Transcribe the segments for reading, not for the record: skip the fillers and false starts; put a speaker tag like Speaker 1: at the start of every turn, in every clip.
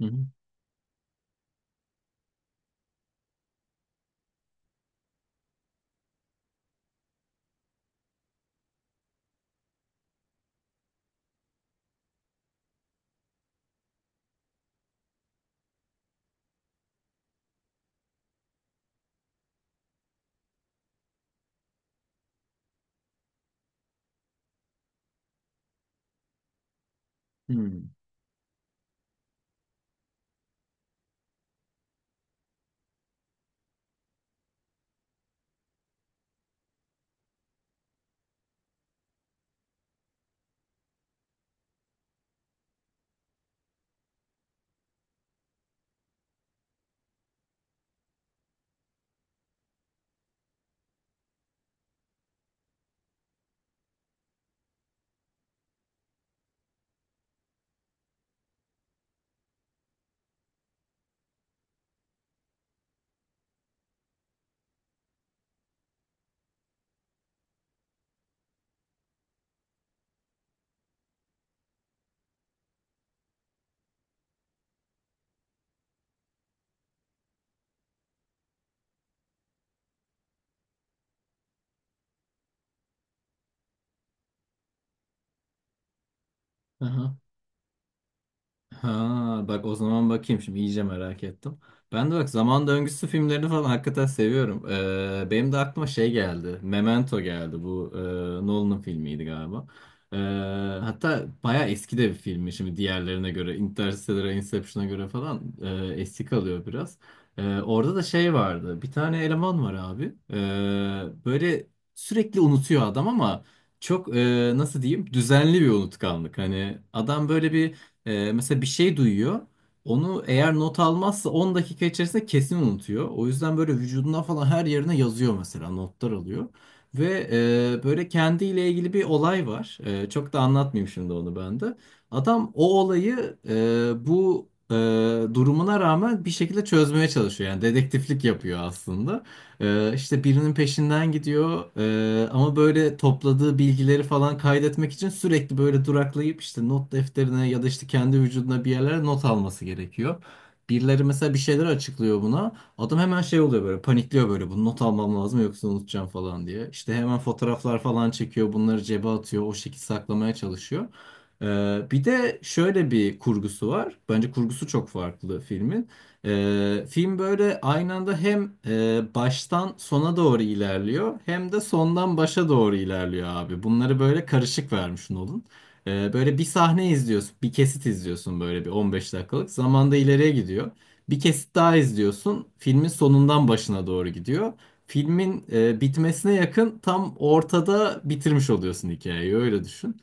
Speaker 1: Hı hı. Hı. Aha. Ha, bak o zaman bakayım şimdi iyice merak ettim. Ben de bak zaman döngüsü filmlerini falan hakikaten seviyorum. Benim de aklıma şey geldi. Memento geldi. Bu Nolan'ın filmiydi galiba. Ee, Hatta bayağı eski de bir filmi şimdi diğerlerine göre. Interstellar'a, Inception'a göre falan eski kalıyor biraz. Orada da şey vardı. Bir tane eleman var abi. Böyle sürekli unutuyor adam ama çok nasıl diyeyim düzenli bir unutkanlık. Hani adam böyle bir mesela bir şey duyuyor. Onu eğer not almazsa 10 dakika içerisinde kesin unutuyor. O yüzden böyle vücuduna falan her yerine yazıyor mesela notlar alıyor. Ve böyle kendiyle ilgili bir olay var. E, çok da anlatmayayım şimdi onu ben de. Adam o olayı durumuna rağmen bir şekilde çözmeye çalışıyor. Yani dedektiflik yapıyor aslında. İşte birinin peşinden gidiyor. Ama böyle topladığı bilgileri falan kaydetmek için sürekli böyle duraklayıp işte not defterine ya da işte kendi vücuduna bir yerlere not alması gerekiyor. Birileri mesela bir şeyler açıklıyor buna. Adam hemen şey oluyor böyle panikliyor böyle bunu not almam lazım yoksa unutacağım falan diye. İşte hemen fotoğraflar falan çekiyor bunları cebe atıyor o şekilde saklamaya çalışıyor. Bir de şöyle bir kurgusu var. Bence kurgusu çok farklı filmin. Film böyle aynı anda hem baştan sona doğru ilerliyor hem de sondan başa doğru ilerliyor abi. Bunları böyle karışık vermiş Nolan. Böyle bir sahne izliyorsun, bir kesit izliyorsun böyle bir 15 dakikalık. Zamanda ileriye gidiyor. Bir kesit daha izliyorsun. Filmin sonundan başına doğru gidiyor. Filmin bitmesine yakın tam ortada bitirmiş oluyorsun hikayeyi öyle düşün.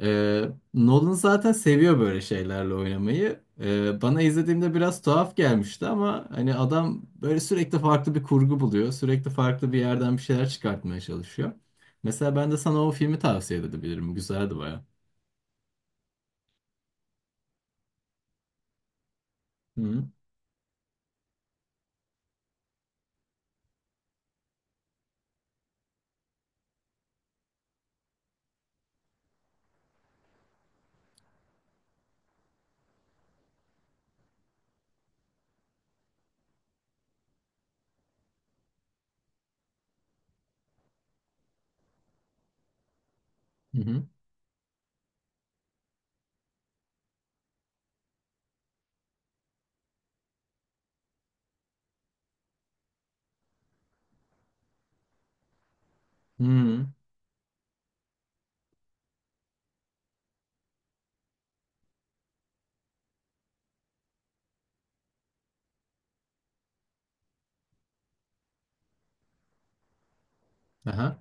Speaker 1: Nolan zaten seviyor böyle şeylerle oynamayı. Bana izlediğimde biraz tuhaf gelmişti ama hani adam böyle sürekli farklı bir kurgu buluyor. Sürekli farklı bir yerden bir şeyler çıkartmaya çalışıyor. Mesela ben de sana o filmi tavsiye edebilirim. Güzeldi baya. Hı hı. Hı hı. Hı. Aha.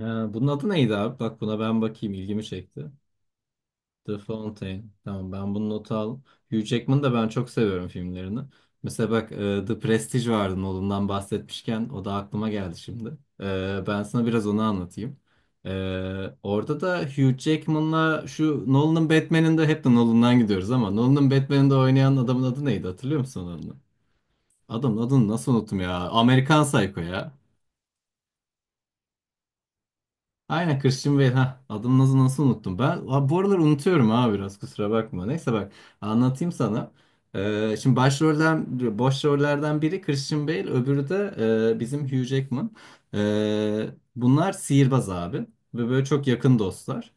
Speaker 1: Ha, bunun adı neydi abi? Bak buna ben bakayım ilgimi çekti. The Fountain. Tamam ben bunu nota al. Hugh Jackman'ı da ben çok seviyorum filmlerini. Mesela bak The Prestige vardı Nolan'dan bahsetmişken o da aklıma geldi şimdi. E, ben sana biraz onu anlatayım. E, orada da Hugh Jackman'la şu Nolan'ın Batman'inde hep de Nolan'dan gidiyoruz ama Nolan'ın Batman'inde oynayan adamın adı neydi hatırlıyor musun onu? Adamın adını nasıl unuttum ya? Amerikan Psycho ya. Aynen Christian Bale ha adını nasıl unuttum ben ha, bu aralar unutuyorum ha biraz kusura bakma neyse bak anlatayım sana. Şimdi boş rollerden biri Christian Bale öbürü de bizim Hugh Jackman. Ee, Bunlar sihirbaz abi ve böyle çok yakın dostlar.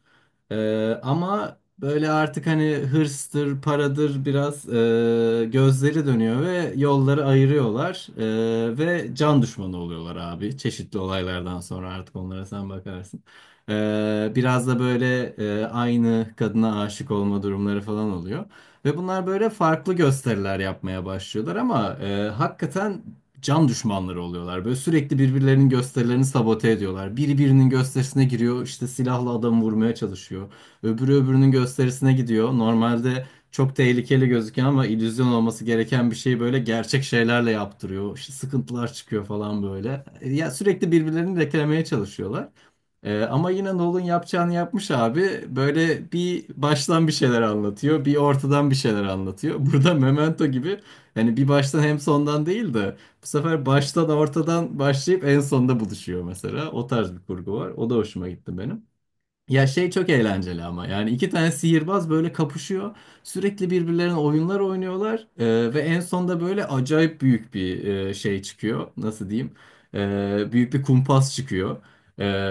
Speaker 1: Ama böyle artık hani hırstır paradır biraz gözleri dönüyor ve yolları ayırıyorlar. E, ve can düşmanı oluyorlar abi çeşitli olaylardan sonra artık onlara sen bakarsın. Biraz da böyle aynı kadına aşık olma durumları falan oluyor. Ve bunlar böyle farklı gösteriler yapmaya başlıyorlar ama hakikaten can düşmanları oluyorlar. Böyle sürekli birbirlerinin gösterilerini sabote ediyorlar. Biri birinin gösterisine giriyor, işte silahla adamı vurmaya çalışıyor. Öbürü öbürünün gösterisine gidiyor. Normalde çok tehlikeli gözüküyor ama illüzyon olması gereken bir şeyi böyle gerçek şeylerle yaptırıyor. İşte sıkıntılar çıkıyor falan böyle. E, ya sürekli birbirlerini reklameye çalışıyorlar. Ama yine Nolan yapacağını yapmış abi. Böyle bir baştan bir şeyler anlatıyor, bir ortadan bir şeyler anlatıyor. Burada Memento gibi hani bir baştan hem sondan değil de bu sefer baştan ortadan başlayıp en sonda buluşuyor mesela. O tarz bir kurgu var. O da hoşuma gitti benim. Ya şey çok eğlenceli ama yani iki tane sihirbaz böyle kapışıyor. Sürekli birbirlerine oyunlar oynuyorlar. Ve en sonda böyle acayip büyük bir şey çıkıyor. Nasıl diyeyim? Büyük bir kumpas çıkıyor.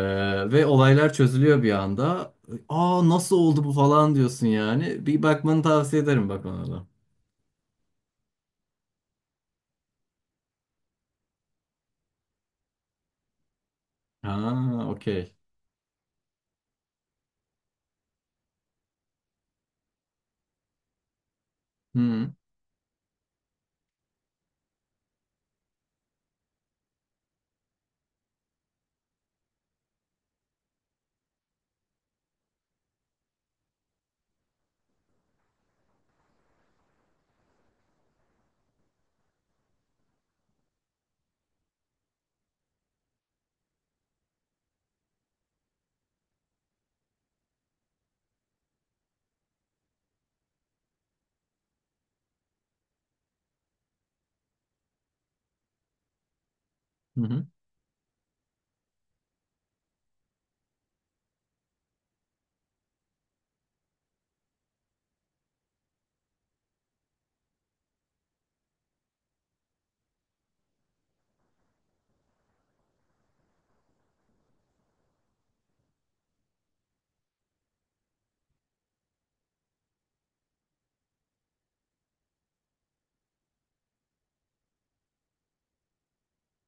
Speaker 1: Ve olaylar çözülüyor bir anda. Aa nasıl oldu bu falan diyorsun yani. Bir bakmanı tavsiye ederim bak ona da. Aa okey. Hı hı hı.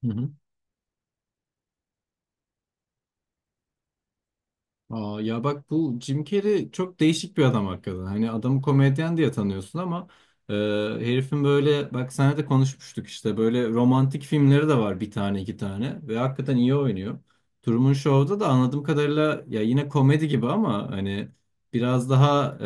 Speaker 1: Hı. Aa, ya bak bu Jim Carrey çok değişik bir adam hakikaten. Hani adamı komedyen diye tanıyorsun ama e, herifin böyle bak senle de konuşmuştuk işte böyle romantik filmleri de var bir tane iki tane ve hakikaten iyi oynuyor. Truman Show'da da anladığım kadarıyla ya yine komedi gibi ama hani biraz daha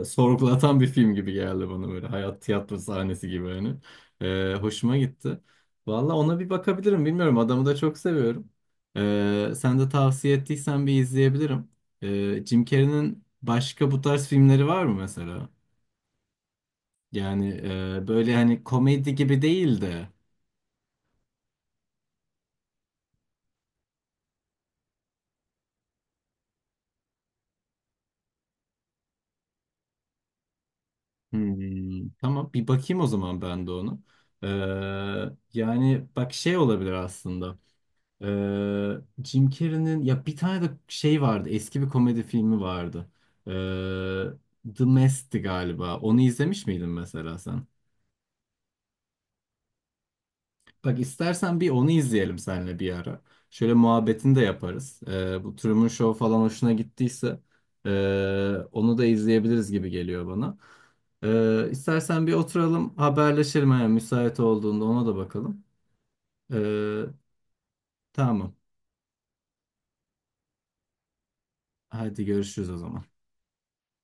Speaker 1: sorgulatan bir film gibi geldi bana böyle hayat tiyatro sahnesi gibi hani. E, hoşuma gitti. Valla ona bir bakabilirim bilmiyorum adamı da çok seviyorum. Sen de tavsiye ettiysen bir izleyebilirim. Jim Carrey'nin başka bu tarz filmleri var mı mesela? Yani böyle hani komedi gibi değil de. Hmm, tamam bir bakayım o zaman ben de onu. Ee, Yani bak şey olabilir aslında. Jim Carrey'nin ya bir tane de şey vardı. Eski bir komedi filmi vardı. The Mist'ti galiba. Onu izlemiş miydin mesela sen? Bak istersen bir onu izleyelim seninle bir ara. Şöyle muhabbetini de yaparız. Bu Truman Show falan hoşuna gittiyse ee, onu da izleyebiliriz gibi geliyor bana. İstersen bir oturalım haberleşelim eğer müsait olduğunda ona da bakalım. Ee, tamam. Hadi görüşürüz o zaman.